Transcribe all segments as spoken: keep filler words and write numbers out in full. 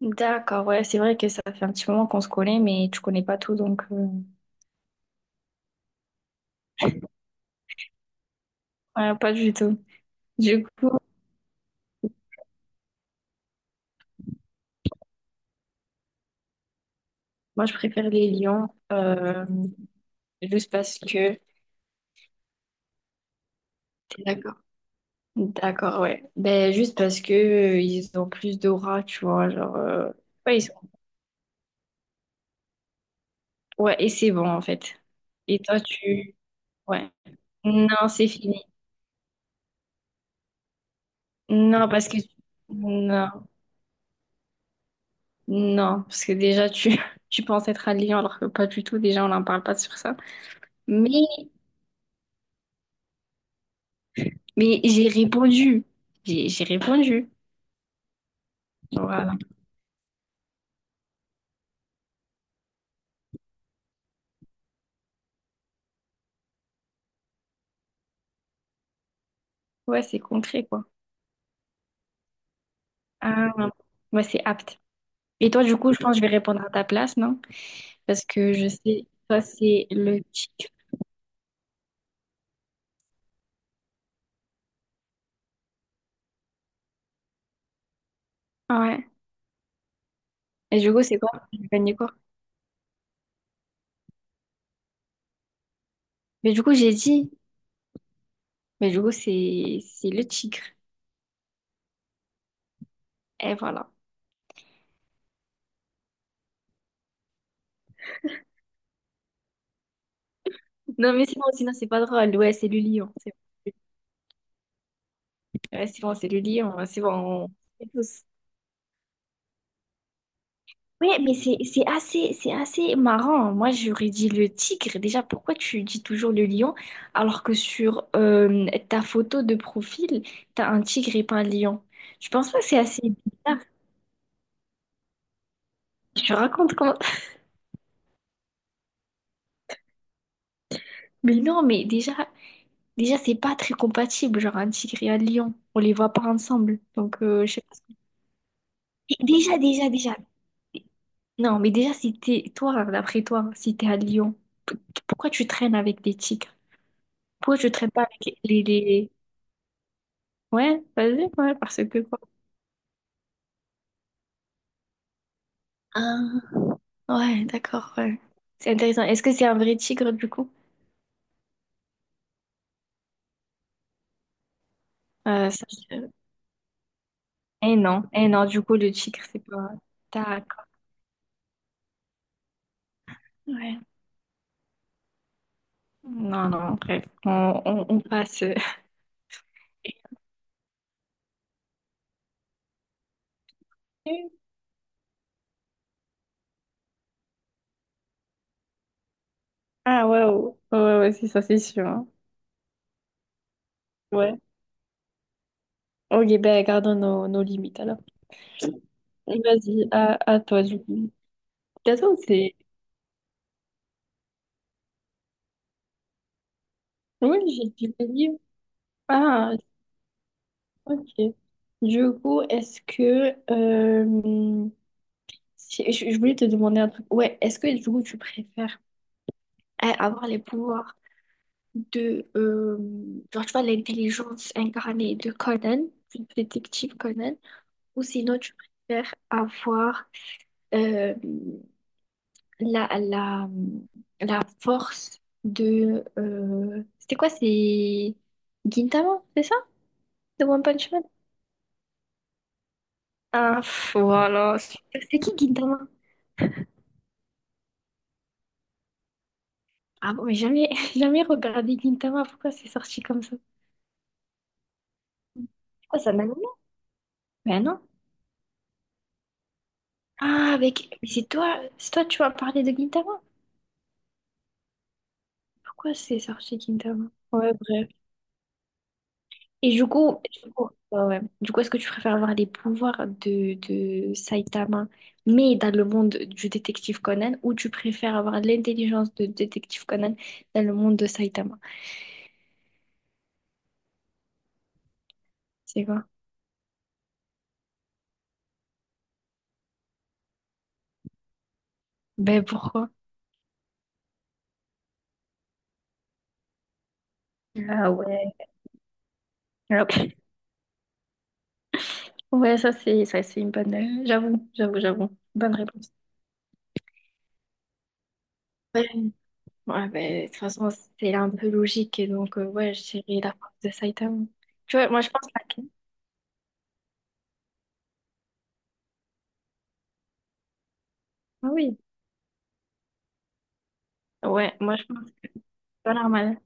D'accord, ouais, c'est vrai que ça fait un petit moment qu'on se connaît, mais tu connais pas tout, donc euh, ouais, pas du tout. Du coup, moi, je préfère les lions, euh, juste parce que... T'es d'accord? D'accord, ouais. Ben, juste parce que euh, ils ont plus d'aura, tu vois, genre... euh, Ouais, ils sont- ouais, et c'est bon, en fait. Et toi, tu... Ouais. Non, c'est fini. Non, parce que... Non, non, parce que déjà, tu, tu penses être un lion, alors que pas du tout, déjà, on n'en parle pas sur ça. Mais... Mais j'ai répondu. J'ai j'ai répondu. Voilà. Ouais, c'est concret, quoi. Ah, ouais, c'est apte. Et toi, du coup, je pense que je vais répondre à ta place, non? Parce que je sais, toi, c'est le tic. Ah, ouais. Et du coup, c'est quoi? Je gagnais quoi? Mais du coup, j'ai dit. Mais du coup, c'est c'est le tigre. Et voilà. Non, mais sinon, sinon, c'est pas drôle. Ouais, c'est le lion. C'est ouais, c'est bon, c'est le lion. C'est bon. on- on tous. Oui, mais c'est c'est assez, c'est assez marrant. Moi, j'aurais dit le tigre. Déjà, pourquoi tu dis toujours le lion alors que sur euh, ta photo de profil, t'as un tigre et pas un lion? Je pense pas que c'est assez bizarre. Je raconte comment... Mais non, mais déjà, déjà c'est pas très compatible, genre un tigre et un lion. On les voit pas ensemble. Donc, euh, je sais pas. Et déjà, déjà, déjà. Non, mais déjà, si t'es... Toi, d'après toi, si t'es un lion, p- pourquoi tu traînes avec des tigres? Pourquoi tu traînes pas avec les... les... Ouais, vas-y, ouais, parce que quoi. Ah, ouais, d'accord, ouais. C'est intéressant. Est-ce que c'est un vrai tigre du coup? Euh, ça, je- eh non, eh non, du coup, le tigre, c'est pas. D'accord. Ouais. Non, non, bref, on, on, on passe. Ah, waouh. Ouais, ouais, ouais, c'est ça, c'est sûr, hein. Ouais. Ok, ben, gardons nos, nos limites alors. Vas-y, à, à toi, du coup. Attends, c'est. Oui, j'ai du livre. Ah, ok. Du coup, est-ce que. euh, Si- Je je voulais te demander un truc. Ouais, est-ce que du coup tu préfères euh, avoir les pouvoirs de, euh, genre tu vois, l'intelligence incarnée de Conan, du détective Conan, ou sinon tu préfères avoir euh, la, la, la force de... euh, c'était quoi, c'est Gintama, c'est ça? De One Punch Man? Ah, pff, voilà. C'est qui Gintama? Ah bon, mais jamais, jamais regardé Gintama, pourquoi c'est sorti comme ça? Pourquoi ça m'a ben non. Ah, avec... Mais c'est toi, c'est toi, tu m'as parlé de Gintama? Pourquoi c'est sorti Gintama? Ouais, bref. Et du coup, du coup, ouais, ouais. Du coup, est-ce que tu préfères avoir les pouvoirs de, de Saitama, mais dans le monde du détective Conan, ou tu préfères avoir l'intelligence de détective Conan dans le monde de Saitama? C'est quoi? Ben pourquoi? Ah ouais. Ah, pff. Ouais, ça c'est ça c'est une bonne. euh, j'avoue, j'avoue, j'avoue. Bonne réponse. Ouais, ben, de toute façon, c'est un peu logique. Et donc, euh, ouais, je dirais la prof de Saitama. Tu vois, moi, je pense laquelle. Ah oui. Ouais, moi, je pense que c'est pas normal.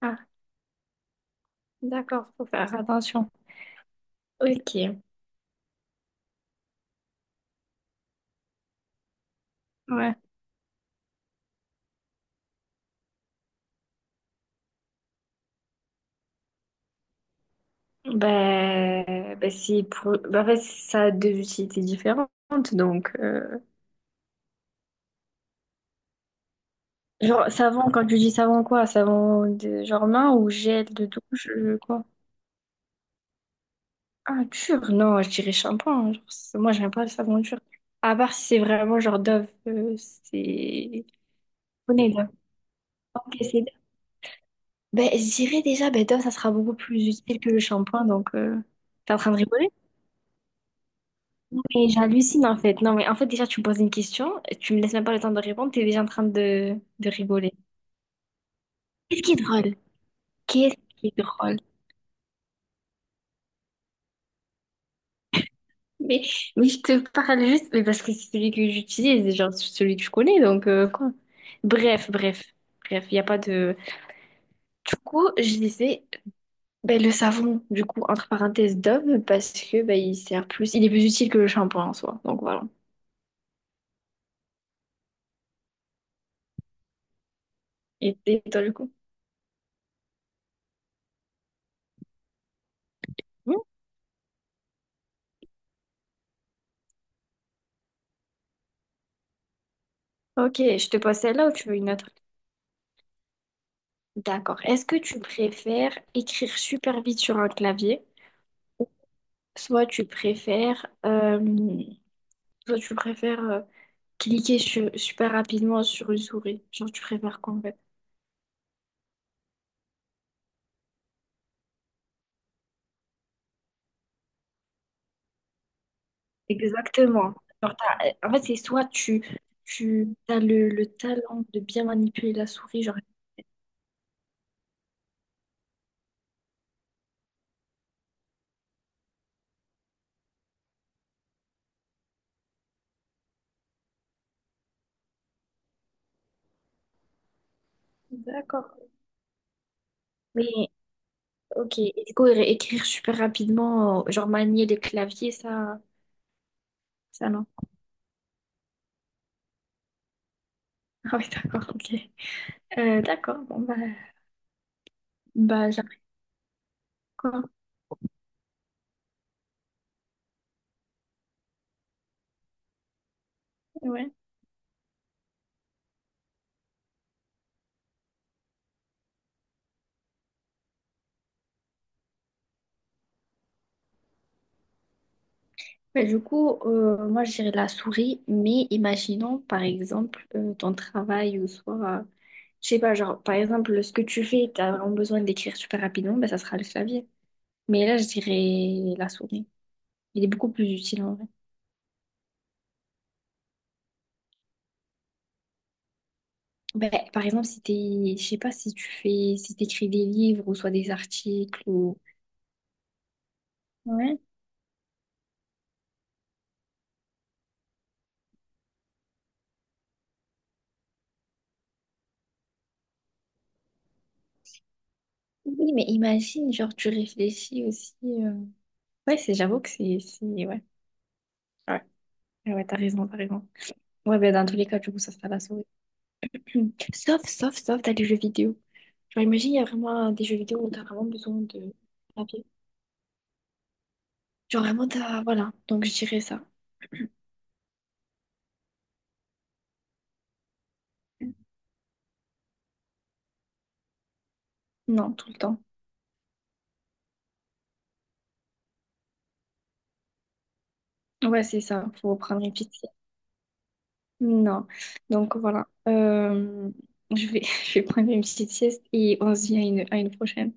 Ah, d'accord, faut faire attention. Ok. Ouais. Ben, ben si pour... ben, en fait, ça a deux utilités différentes. Donc, euh, genre, savon, quand tu dis savon, quoi? Savon, de... genre main ou gel de douche, euh, quoi? Ah, dur, non, je dirais shampoing, hein. Genre, c'est- moi, j'aime pas le savon dur. À part si c'est vraiment genre Dove, euh, c'est on est là. Ok, c'est là. Ben, je dirais déjà, ben, Dove, ça sera beaucoup plus utile que le shampoing, donc euh, t'es en train de rigoler? Non, mais j'hallucine en fait. Non, mais en fait, déjà, tu me poses une question, tu me laisses même pas le temps de répondre, t'es déjà en train de, de rigoler. Qu'est-ce qui est drôle? Qu'est-ce qui est drôle? Mais, mais je te parle juste, mais parce que c'est celui que j'utilise, genre c'est celui que je connais, donc euh, quoi. Bref, bref, bref, il n'y a pas de. Du coup, je disais, ben, le savon, du coup, entre parenthèses, Dove, parce que ben, il sert plus, il est plus utile que le shampoing en soi. Donc voilà. Et, et toi, du coup? Hmm. Ok, je te pose celle-là ou tu veux une autre? D'accord. Est-ce que tu préfères écrire super vite sur un clavier, soit tu préfères, euh, soit tu préfères euh, cliquer su- super rapidement sur une souris? Genre, tu préfères quoi en fait? Exactement. Genre, t'as- en fait, c'est soit tu, tu as le, le talent de bien manipuler la souris, genre. D'accord. Mais ok, et du coup, é- écrire super rapidement, euh, genre manier les claviers, ça, ça non. Ah oui, d'accord, ok. Euh, d'accord, bon, bah, bah j'ai appris quoi. Ouais. Bah, du coup, euh, moi, je dirais la souris, mais imaginons, par exemple, euh, ton travail ou soit, euh, je sais pas, genre, par exemple, ce que tu fais, t'as vraiment besoin d'écrire super rapidement, bah, ça sera le clavier. Mais là, je dirais la souris. Il est beaucoup plus utile en vrai. Ben, par exemple, si t'es, je sais pas si tu fais, si t'écris des livres ou soit des articles ou ouais. Oui, mais imagine, genre, tu réfléchis aussi. euh, Ouais, c'est, j'avoue que c'est. c'est- ouais. Ouais, ouais, ouais, t'as raison, t'as raison. Ouais, ben dans tous les cas, du coup, ça sera la souris. Sauf, sauf, sauf, t'as des jeux vidéo. Genre, imagine, il y a vraiment des jeux vidéo où t'as vraiment besoin de papier. Genre, vraiment, t'as. Voilà. Donc, je dirais ça. Non, tout le temps. Ouais, c'est ça. Faut prendre une petite sieste. Non. Donc, voilà. Euh, je vais, je vais prendre une petite sieste et on se dit à une, à une prochaine.